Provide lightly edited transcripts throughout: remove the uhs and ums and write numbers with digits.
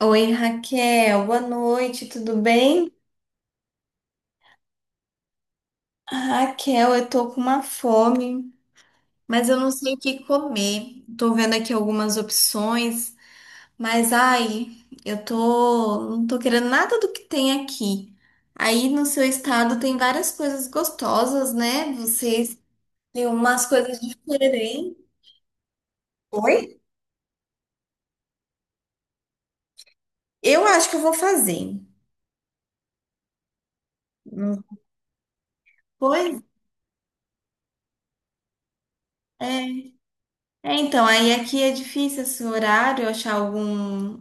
Oi, Raquel, boa noite, tudo bem? Raquel, eu tô com uma fome, mas eu não sei o que comer. Tô vendo aqui algumas opções, mas ai, não tô querendo nada do que tem aqui. Aí no seu estado tem várias coisas gostosas, né? Vocês têm umas coisas diferentes. Oi? Eu acho que eu vou fazer. Não foi? É, é, então, aí aqui é difícil esse horário, achar algum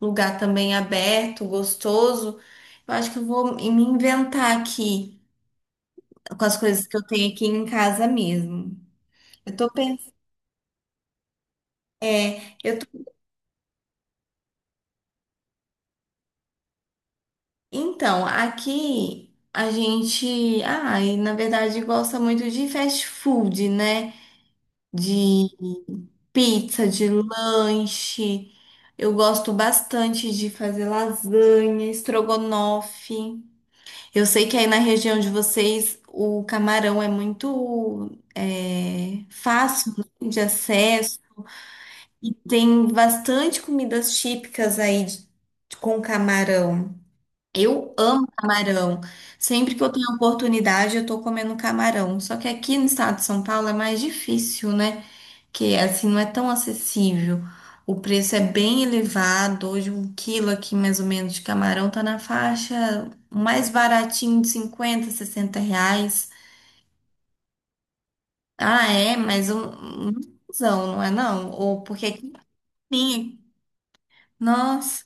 lugar também aberto, gostoso. Eu acho que eu vou me inventar aqui com as coisas que eu tenho aqui em casa mesmo. Eu tô pensando, é, eu tô... Então, aqui a gente, e na verdade gosta muito de fast food, né? De pizza, de lanche. Eu gosto bastante de fazer lasanha, estrogonofe. Eu sei que aí na região de vocês o camarão é muito fácil, né, de acesso, e tem bastante comidas típicas aí com camarão. Eu amo camarão. Sempre que eu tenho oportunidade, eu tô comendo camarão. Só que aqui no estado de São Paulo é mais difícil, né? Que assim não é tão acessível. O preço é bem elevado. Hoje um quilo aqui mais ou menos de camarão tá na faixa, o mais baratinho, de 50, 60 reais. Ah, é, mas um não, não é não? Ou porque aqui em nossa,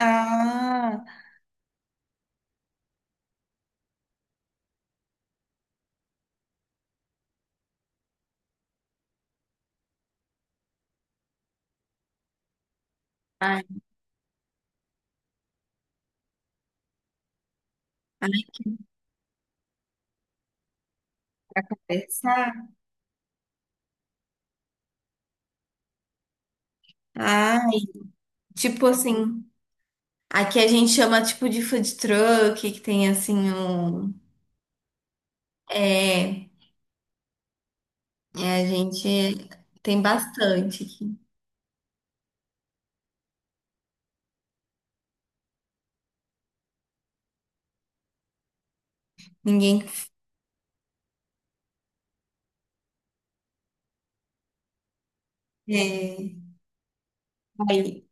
ah, ai, ai, essa, ai, tipo assim, aqui a gente chama tipo de food truck, que tem assim um, é, é, a gente tem bastante. Ninguém é, vai.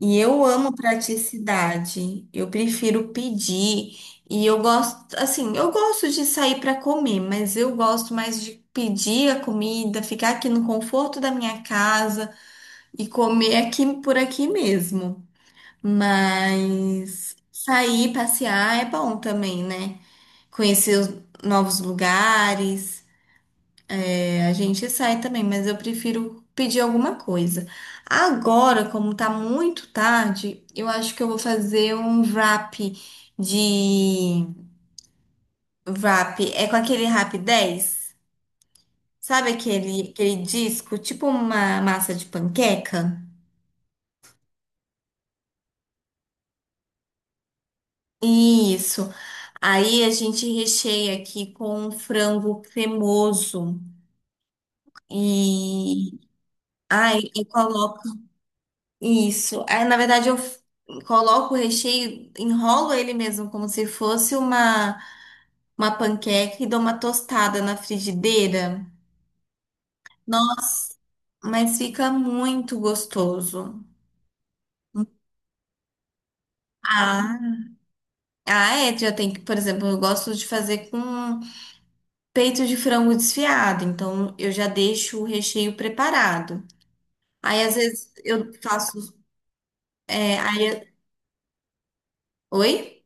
E eu amo praticidade. Eu prefiro pedir. E eu gosto, assim, eu gosto de sair para comer, mas eu gosto mais de pedir a comida, ficar aqui no conforto da minha casa e comer aqui por aqui mesmo. Mas sair, passear é bom também, né? Conhecer os novos lugares. A gente sai também, mas eu prefiro pedir alguma coisa. Agora, como tá muito tarde, eu acho que eu vou fazer um wrap de é com aquele Rap 10, sabe, aquele disco, tipo uma massa de panqueca? Isso. Aí a gente recheia aqui com um frango cremoso e e coloca. Isso. Aí, na verdade, coloco o recheio, enrolo ele mesmo como se fosse uma panqueca e dou uma tostada na frigideira. Nossa, mas fica muito gostoso. Ah, é, já tem que, por exemplo, eu gosto de fazer com peito de frango desfiado, então eu já deixo o recheio preparado. Aí às vezes eu faço, é, aí, oi?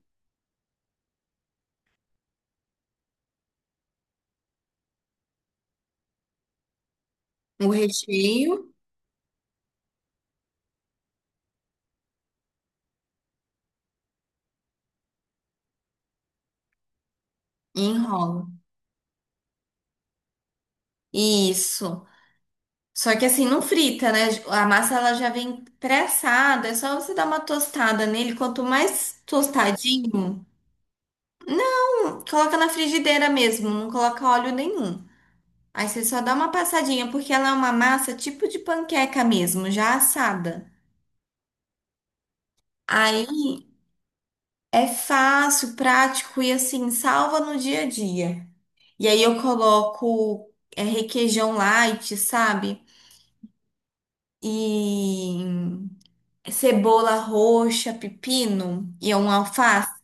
O recheio e enrolo. Isso. Só que assim, não frita, né? A massa ela já vem pré-assada, é só você dar uma tostada nele. Quanto mais tostadinho, coloca na frigideira mesmo, não coloca óleo nenhum. Aí você só dá uma passadinha, porque ela é uma massa tipo de panqueca mesmo, já assada. Aí é fácil, prático e assim, salva no dia a dia. E aí eu coloco requeijão light, sabe? E cebola roxa, pepino e um alface.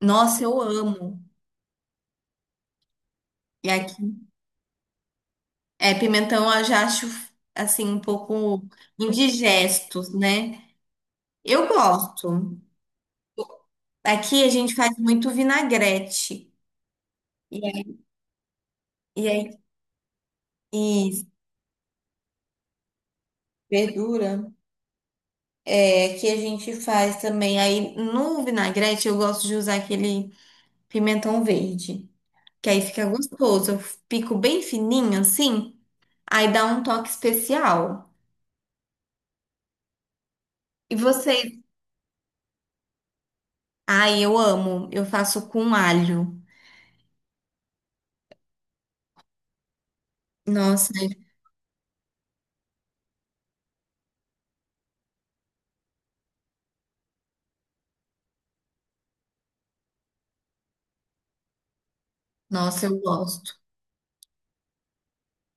Nossa, eu amo. E aqui, pimentão eu já acho assim um pouco indigestos, né? Eu gosto. Aqui a gente faz muito vinagrete. E aí, e aí- e verdura. É, aqui a gente faz também. Aí no vinagrete eu gosto de usar aquele pimentão verde, que aí fica gostoso. Eu pico bem fininho assim, aí dá um toque especial. E vocês? Ai, eu amo. Eu faço com alho. Nossa, nossa, eu gosto.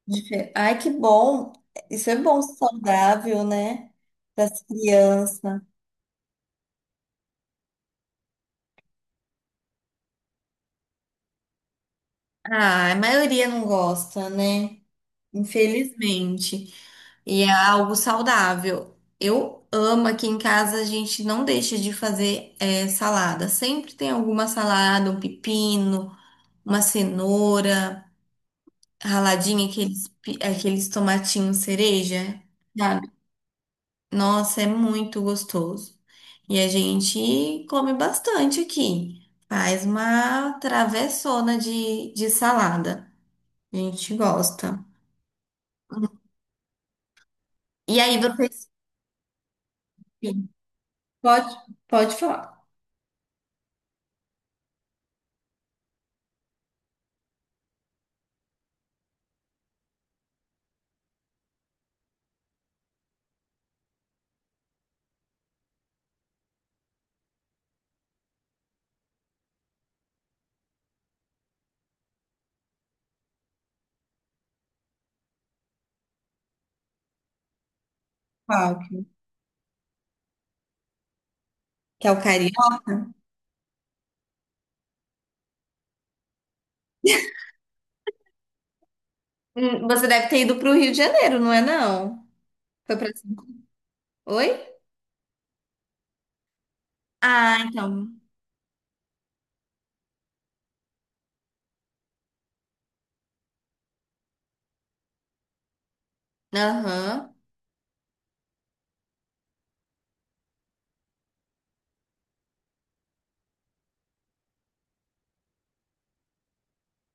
Ai, que bom. Isso é bom, saudável, né? Para as crianças. Ah, a maioria não gosta, né? Infelizmente. E é algo saudável. Eu amo aqui em casa, a gente não deixa de fazer salada. Sempre tem alguma salada, um pepino, uma cenoura raladinha, aqueles, aqueles tomatinhos cereja. Nossa, é muito gostoso. E a gente come bastante aqui. Faz uma travessona de salada. A gente gosta. E aí, vocês. Pode, pode falar. Qual que é o carioca? Você deve ter ido para o Rio de Janeiro, não é não? Foi para. Oi? Ah, então. Aham.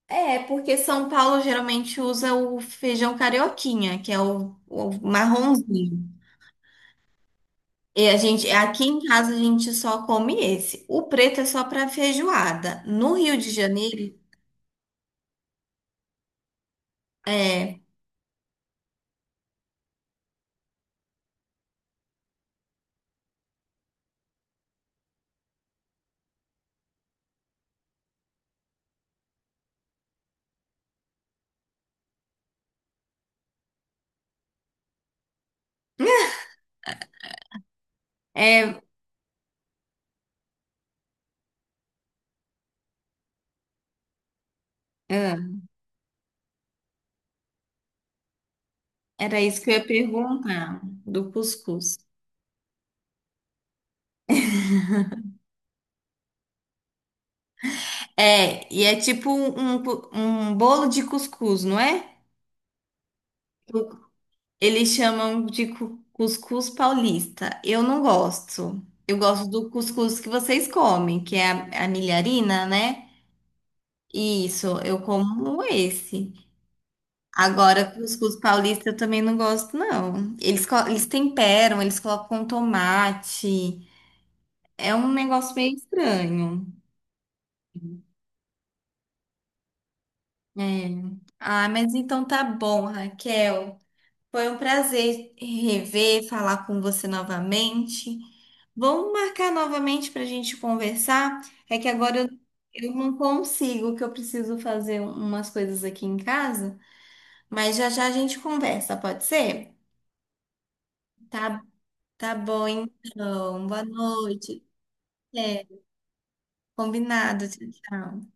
É, porque São Paulo geralmente usa o feijão carioquinha, que é o marronzinho. E a gente, aqui em casa a gente só come esse. O preto é só para feijoada. No Rio de Janeiro, é, é, é, era isso que eu ia perguntar do cuscuz. É, e é tipo um, um bolo de cuscuz, não é? O- Eles chamam de cuscuz paulista. Eu não gosto. Eu gosto do cuscuz que vocês comem, que é a milharina, né? Isso, eu como esse. Agora, os cuscuz paulista eu também não gosto, não. Eles, eles temperam, eles colocam um tomate. É um negócio meio estranho. É. Ah, mas então tá bom, Raquel. Foi um prazer rever, falar com você novamente. Vamos marcar novamente para a gente conversar? É que agora eu não consigo, que eu preciso fazer umas coisas aqui em casa, mas já já a gente conversa, pode ser? Tá. Tá bom, então. Boa noite. É, combinado. Tchau, tchau.